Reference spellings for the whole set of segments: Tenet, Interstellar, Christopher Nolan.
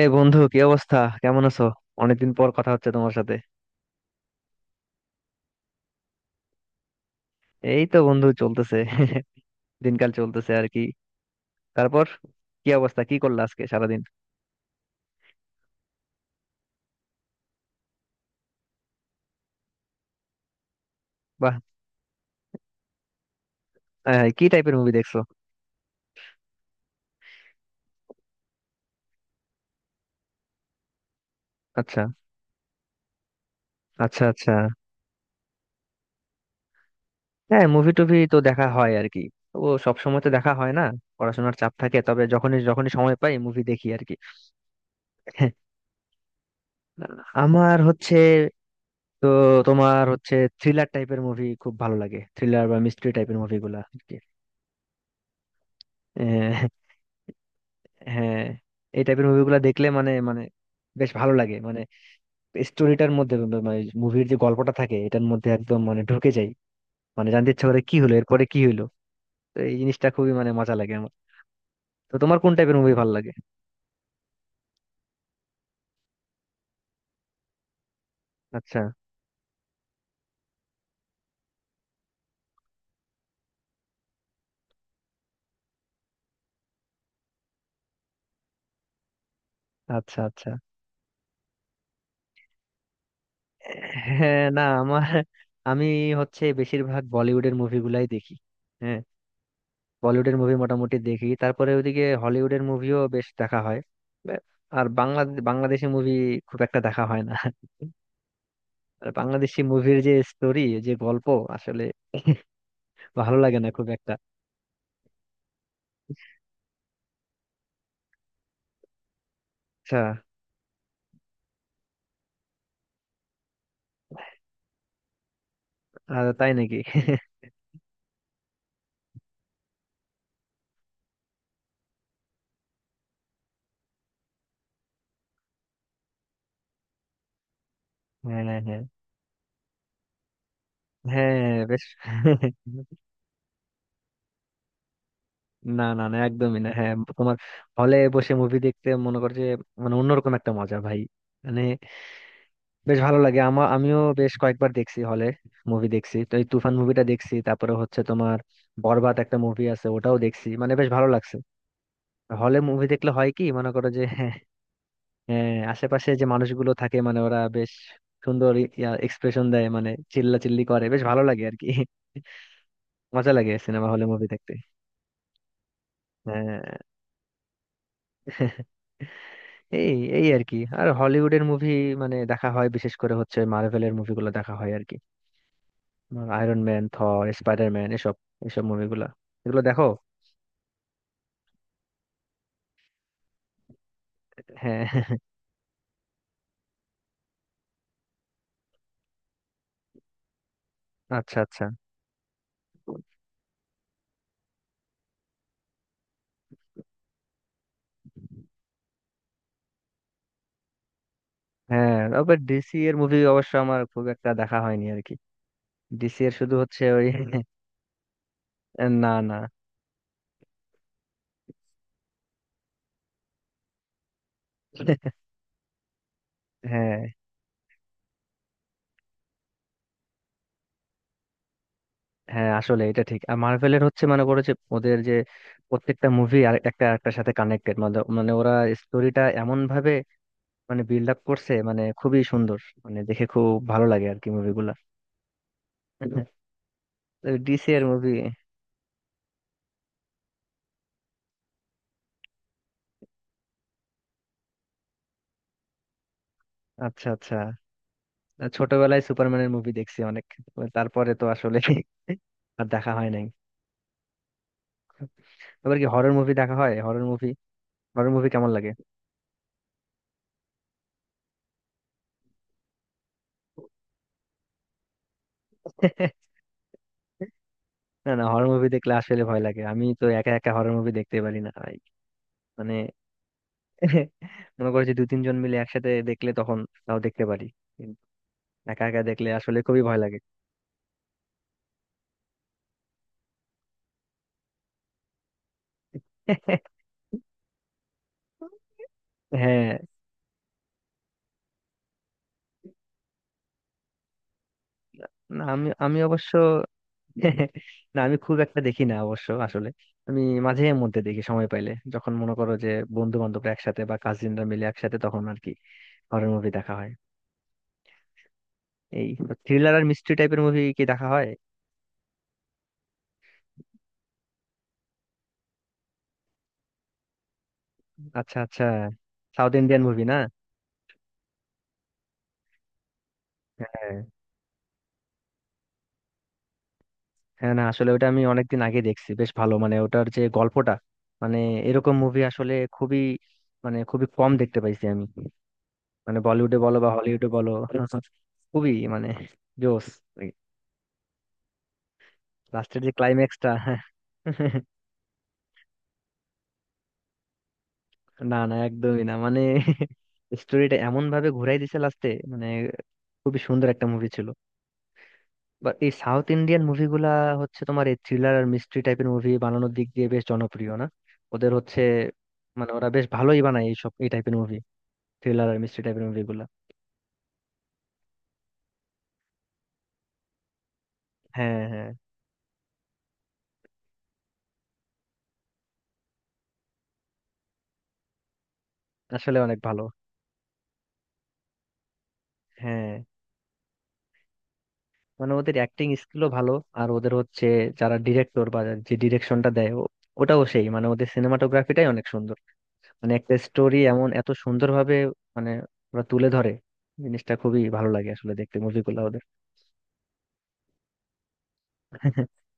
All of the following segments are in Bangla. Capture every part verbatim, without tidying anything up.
এই বন্ধু, কি অবস্থা? কেমন আছো? অনেকদিন পর কথা হচ্ছে তোমার সাথে। এই তো বন্ধু, চলতেছে। দিনকাল চলতেছে আর কি। তারপর, কি অবস্থা? কি করলে আজকে সারাদিন? বাহ। আহ, কি টাইপের মুভি দেখছো? আচ্ছা, আচ্ছা, আচ্ছা। হ্যাঁ, মুভি টুভি তো দেখা হয় আর কি। ও সব সময় তো দেখা হয় না। পড়াশোনার চাপ থাকে, তবে যখনই যখনই সময় পাই মুভি দেখি আর কি। আমার হচ্ছে, তো তোমার হচ্ছে থ্রিলার টাইপের মুভি খুব ভালো লাগে, থ্রিলার বা মিস্ট্রি টাইপের মুভিগুলা আর কি। হ্যাঁ, এই টাইপের মুভিগুলো দেখলে মানে মানে বেশ ভালো লাগে, মানে স্টোরিটার মধ্যে বা- মানে মুভির যে গল্পটা থাকে এটার মধ্যে একদম মানে ঢুকে যাই। মানে জানতে ইচ্ছা করে কি হলো, এরপরে কি হলো। তো এই জিনিসটা খুবই মানে মজা লাগে আমার। তো তোমার কোন টাইপের মুভি ভালো লাগে? আচ্ছা, আচ্ছা, আচ্ছা। হ্যাঁ, না, আমার আমি হচ্ছে বেশিরভাগ বলিউডের মুভিগুলাই দেখি। হ্যাঁ, বলিউডের মুভি মোটামুটি দেখি, তারপরে ওইদিকে হলিউডের মুভিও বেশ দেখা হয়। বে- আর বাংলা বাংলাদেশি মুভি খুব একটা দেখা হয় না। আর বাংলাদেশি মুভির যে স্টোরি, যে গল্প, আসলে ভালো লাগে না খুব একটা। আচ্ছা। আর তাই নাকি? হ্যাঁ, হ্যাঁ, হ্যাঁ, বেশ। না, না, না, একদমই না। হ্যাঁ, তোমার, হলে বসে মুভি দেখতে মনে করছে মানে অন্যরকম একটা মজা, ভাই, মানে বেশ ভালো লাগে আমার। আমিও বেশ কয়েকবার দেখছি হলে, মুভি দেখছি, তো এই তুফান মুভিটা দেখছি, তারপরে হচ্ছে তোমার বরবাদ একটা মুভি আছে, ওটাও দেখছি, মানে বেশ ভালো লাগছে। হলে মুভি দেখলে হয় কি মনে করো যে, হ্যাঁ আশেপাশে যে মানুষগুলো থাকে মানে ওরা বেশ সুন্দর এক্সপ্রেশন দেয়, মানে চিল্লা চিল্লি করে, বেশ ভালো লাগে আর কি। মজা লাগে সিনেমা হলে মুভি দেখতে। হ্যাঁ। এই এই আর কি, আর হলিউডের মুভি মানে দেখা হয়, বিশেষ করে হচ্ছে মার্ভেলের মুভিগুলো দেখা হয় আর কি। আয়রন ম্যান, থর, স্পাইডারম্যান, এসব এসব মুভিগুলো, এগুলো দেখো? হ্যাঁ। আচ্ছা, আচ্ছা। হ্যাঁ, তারপর ডিসি এর মুভি অবশ্য আমার খুব একটা দেখা হয়নি আর কি। ডিসি এর শুধু হচ্ছে ওই। না, না। হ্যাঁ, হ্যাঁ, আসলে এটা ঠিক। আর মার্ভেলের হচ্ছে মনে করো যে ওদের যে প্রত্যেকটা মুভি আর একটা একটার সাথে কানেক্টেড, মানে মানে ওরা স্টোরিটা এমন ভাবে মানে বিল্ড আপ করছে, মানে খুবই সুন্দর, মানে দেখে খুব ভালো লাগে আর কি মুভিগুলা। ডিসি এর মুভি। আচ্ছা, আচ্ছা। ছোটবেলায় সুপারম্যানের মুভি দেখছি অনেক। তারপরে তো আসলে আর দেখা হয় নাই। এবার কি হরর মুভি দেখা হয়? Horror movie. হরর মুভি কেমন লাগে? না, না, হরর মুভি দেখলে আসলে ভয় লাগে, আমি তো একা একা হরর মুভি দেখতে পারি না ভাই। মনে করো যে দু তিনজন মিলে একসাথে দেখলে তখন তাও দেখতে পারি, একা একা দেখলে আসলে খুবই ভয় লাগে। হ্যাঁ। না, আমি আমি অবশ্য, না, আমি খুব একটা দেখি না অবশ্য আসলে। আমি মাঝে মধ্যে দেখি সময় পাইলে, যখন মনে করো যে বন্ধু বান্ধবরা একসাথে বা কাজিনরা মিলে একসাথে, তখন আর কি হরর মুভি দেখা হয়। এই, থ্রিলার আর মিস্ট্রি টাইপের মুভি কি দেখা হয়? আচ্ছা, আচ্ছা। সাউথ ইন্ডিয়ান মুভি না? হ্যাঁ, হ্যাঁ। না, আসলে ওটা আমি অনেকদিন আগে দেখছি, বেশ ভালো, মানে ওটার যে গল্পটা, মানে এরকম মুভি আসলে খুবই, মানে খুবই কম দেখতে পাইছি আমি, মানে বলিউডে বলো বা হলিউডে বলো, খুবই মানে জোস। লাস্টের যে ক্লাইম্যাক্সটা, না, না, একদমই না, মানে স্টোরিটা এমন ভাবে ঘুরাই দিছে লাস্টে, মানে খুবই সুন্দর একটা মুভি ছিল। বা এই সাউথ ইন্ডিয়ান মুভিগুলা হচ্ছে তোমার এই থ্রিলার আর মিস্ট্রি টাইপের মুভি বানানোর দিক দিয়ে বেশ জনপ্রিয় না, ওদের হচ্ছে মানে ওরা বেশ ভালোই বানায় এইসব এই টাইপের মুভি, থ্রিলার আর মিস্ট্রি টাইপের মুভিগুলা। হ্যাঁ, হ্যাঁ, আসলে অনেক ভালো। হ্যাঁ, মানে ওদের অ্যাক্টিং স্কিলও ভালো, আর ওদের হচ্ছে যারা ডিরেক্টর, বা যে ডিরেকশনটা দেয় ও- ওটাও সেই, মানে ওদের সিনেমাটোগ্রাফিটাই অনেক সুন্দর, মানে একটা স্টোরি এমন এত সুন্দরভাবে মানে ওরা তুলে ধরে, জিনিসটা খুবই ভালো লাগে আসলে দেখতে মুভিগুলো ওদের।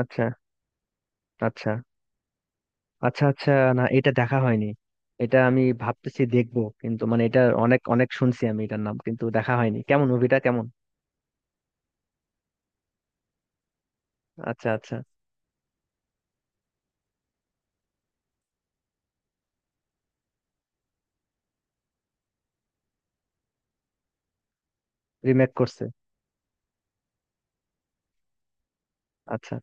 আচ্ছা, আচ্ছা, আচ্ছা, আচ্ছা। না, এটা দেখা হয়নি, এটা আমি ভাবতেছি দেখবো, কিন্তু মানে এটা অনেক অনেক শুনছি আমি এটার নাম, কিন্তু দেখা হয়নি। কেমন মুভিটা? কেমন? আচ্ছা, আচ্ছা। রিমেক করছে? আচ্ছা।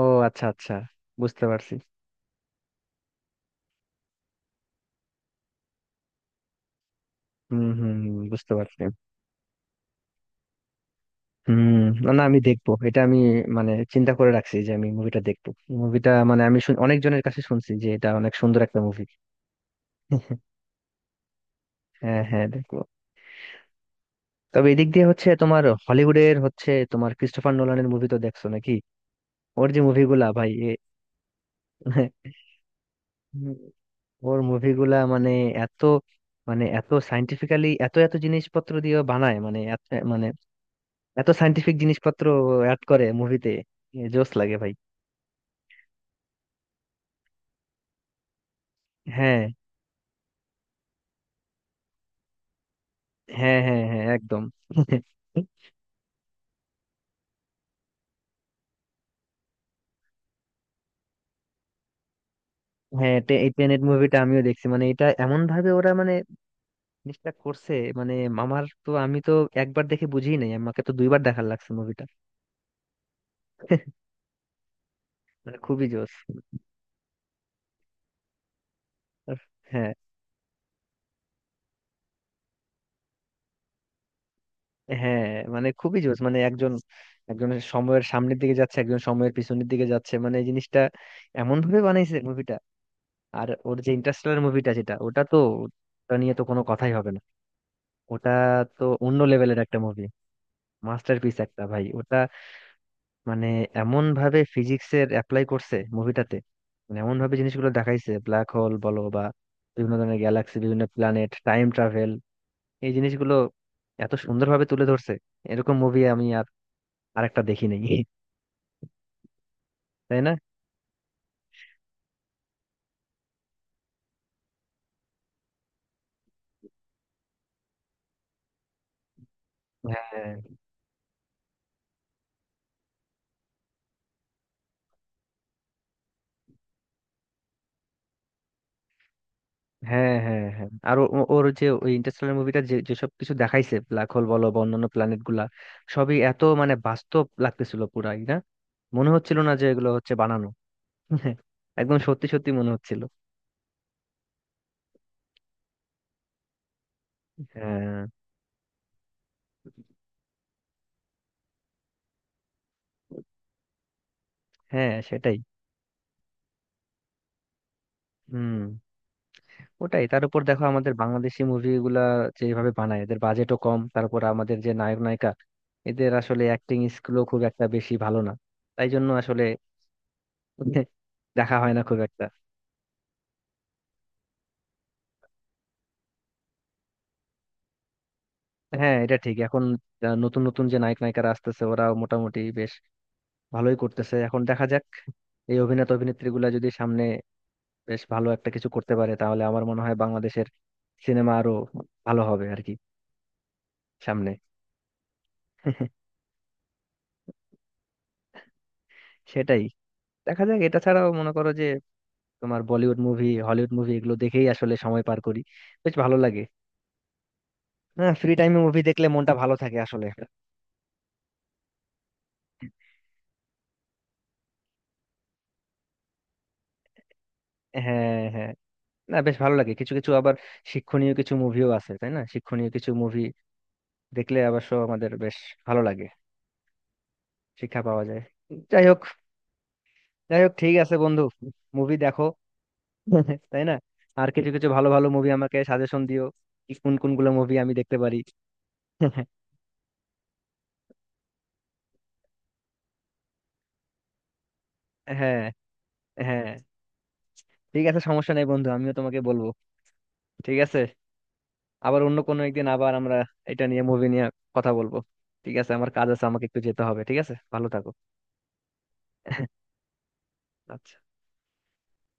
ও, আচ্ছা, আচ্ছা, বুঝতে পারছি। হুম, হুম, হুম, বুঝতে পারছি। হুম। না, না, আমি দেখবো এটা, আমি মানে চিন্তা করে রাখছি যে আমি মুভিটা দেখবো। মুভিটা মানে আমি শুন- অনেকজনের কাছে শুনছি যে এটা অনেক সুন্দর একটা মুভি। হ্যাঁ, হ্যাঁ, দেখবো। তবে এদিক দিয়ে হচ্ছে তোমার হলিউডের, হচ্ছে তোমার ক্রিস্টোফার নোলানের মুভি তো দেখছো নাকি? ওর যে মুভিগুলা ভাই। হুম। ওর মুভিগুলা মানে এত, মানে এত সাইন্টিফিক্যালি এত এত জিনিসপত্র দিয়ে ও বানায়, মানে এত- মানে এত সাইন্টিফিক জিনিসপত্র অ্যাড করে মুভিতে, জোস লাগে ভাই। হ্যাঁ, হ্যাঁ, হ্যাঁ, হ্যাঁ, একদম। হ্যাঁ, টে- এই টেনেট মুভিটা আমিও দেখছি, মানে এটা এমন ভাবে ওরা মানে জিনিসটা করছে, মানে মামার তো আমি তো একবার দেখে বুঝিই নাই, আমাকে তো দুইবার দেখার লাগছে মুভিটা, মানে খুবই জোস। হ্যাঁ, হ্যাঁ, মানে খুবই জোস, মানে একজন একজন সময়ের সামনের দিকে যাচ্ছে, একজন সময়ের পিছনের দিকে যাচ্ছে, মানে এই জিনিসটা এমন ভাবে বানাইছে মুভিটা। আর ওর যে ইন্টারস্টেলার মুভিটা যেটা, ওটা তো, ওটা নিয়ে তো কোনো কথাই হবে না। ওটা তো অন্য লেভেলের একটা মুভি, মাস্টারপিস একটা ভাই ওটা, মানে এমন ভাবে ফিজিক্সের অ্যাপ্লাই করছে মুভিটাতে, মানে এমন ভাবে জিনিসগুলো দেখাইছে, ব্ল্যাক হোল বলো বা বিভিন্ন ধরনের গ্যালাক্সি, বিভিন্ন প্ল্যানেট, টাইম ট্রাভেল, এই জিনিসগুলো এত সুন্দরভাবে তুলে ধরছে। এরকম মুভি আমি আর আরেকটা দেখি নাই, তাই না? হ্যাঁ, হ্যাঁ, হ্যাঁ, হ্যাঁ। আর ও- ও- ওর যে ওই ইন্টারস্টেলার মুভিটা যে যেসব কিছু দেখাইছে, ব্ল্যাক হোল বলো বা অন্যান্য প্ল্যানেট গুলা, সবই এত মানে বাস্তব লাগতেছিল পুরাই, না মনে হচ্ছিল না যে এগুলো হচ্ছে বানানো। একদম সত্যি সত্যি মনে হচ্ছিল। হ্যাঁ, হ্যাঁ, সেটাই। হুম, ওটাই, তার উপর দেখো আমাদের বাংলাদেশি মুভিগুলা যেভাবে বানায়, এদের বাজেটও কম, তারপর আমাদের যে নায়ক নায়িকা, এদের আসলে অ্যাক্টিং স্কিলও খুব একটা বেশি ভালো না, তাই জন্য আসলে দেখা হয় না খুব একটা। হ্যাঁ, এটা ঠিক। এখন আহ, নতুন নতুন যে নায়ক নায়িকারা আসতেছে, ওরা মোটামুটি বেশ ভালোই করতেছে। এখন দেখা যাক, এই অভিনেতা অভিনেত্রী গুলা যদি সামনে বেশ ভালো একটা কিছু করতে পারে, তাহলে আমার মনে হয় বাংলাদেশের সিনেমা আরো ভালো হবে আর কি সামনে। সেটাই, দেখা যাক। এটা ছাড়াও মনে করো যে তোমার বলিউড মুভি, হলিউড মুভি এগুলো দেখেই আসলে সময় পার করি, বেশ ভালো লাগে। হ্যাঁ, ফ্রি টাইমে মুভি দেখলে মনটা ভালো থাকে আসলে। হ্যাঁ, হ্যাঁ। না, বেশ ভালো লাগে, কিছু কিছু আবার শিক্ষণীয় কিছু মুভিও আছে তাই না? শিক্ষণীয় কিছু মুভি দেখলে অবশ্য আমাদের বেশ ভালো লাগে, শিক্ষা পাওয়া যায়। যাই হোক, যাই হোক, ঠিক আছে বন্ধু, মুভি দেখো তাই না? আর কিছু কিছু ভালো ভালো মুভি আমাকে সাজেশন দিও, কি কোন কোনগুলো মুভি আমি দেখতে পারি। হ্যাঁ, হ্যাঁ, ঠিক আছে, সমস্যা নেই বন্ধু, আমিও তোমাকে বলবো। ঠিক আছে, আবার অন্য কোনো একদিন আবার আমরা এটা নিয়ে, মুভি নিয়ে কথা বলবো। ঠিক আছে, আমার কাজ আছে, আমাকে একটু যেতে হবে। ঠিক আছে, ভালো থাকো। আচ্ছা।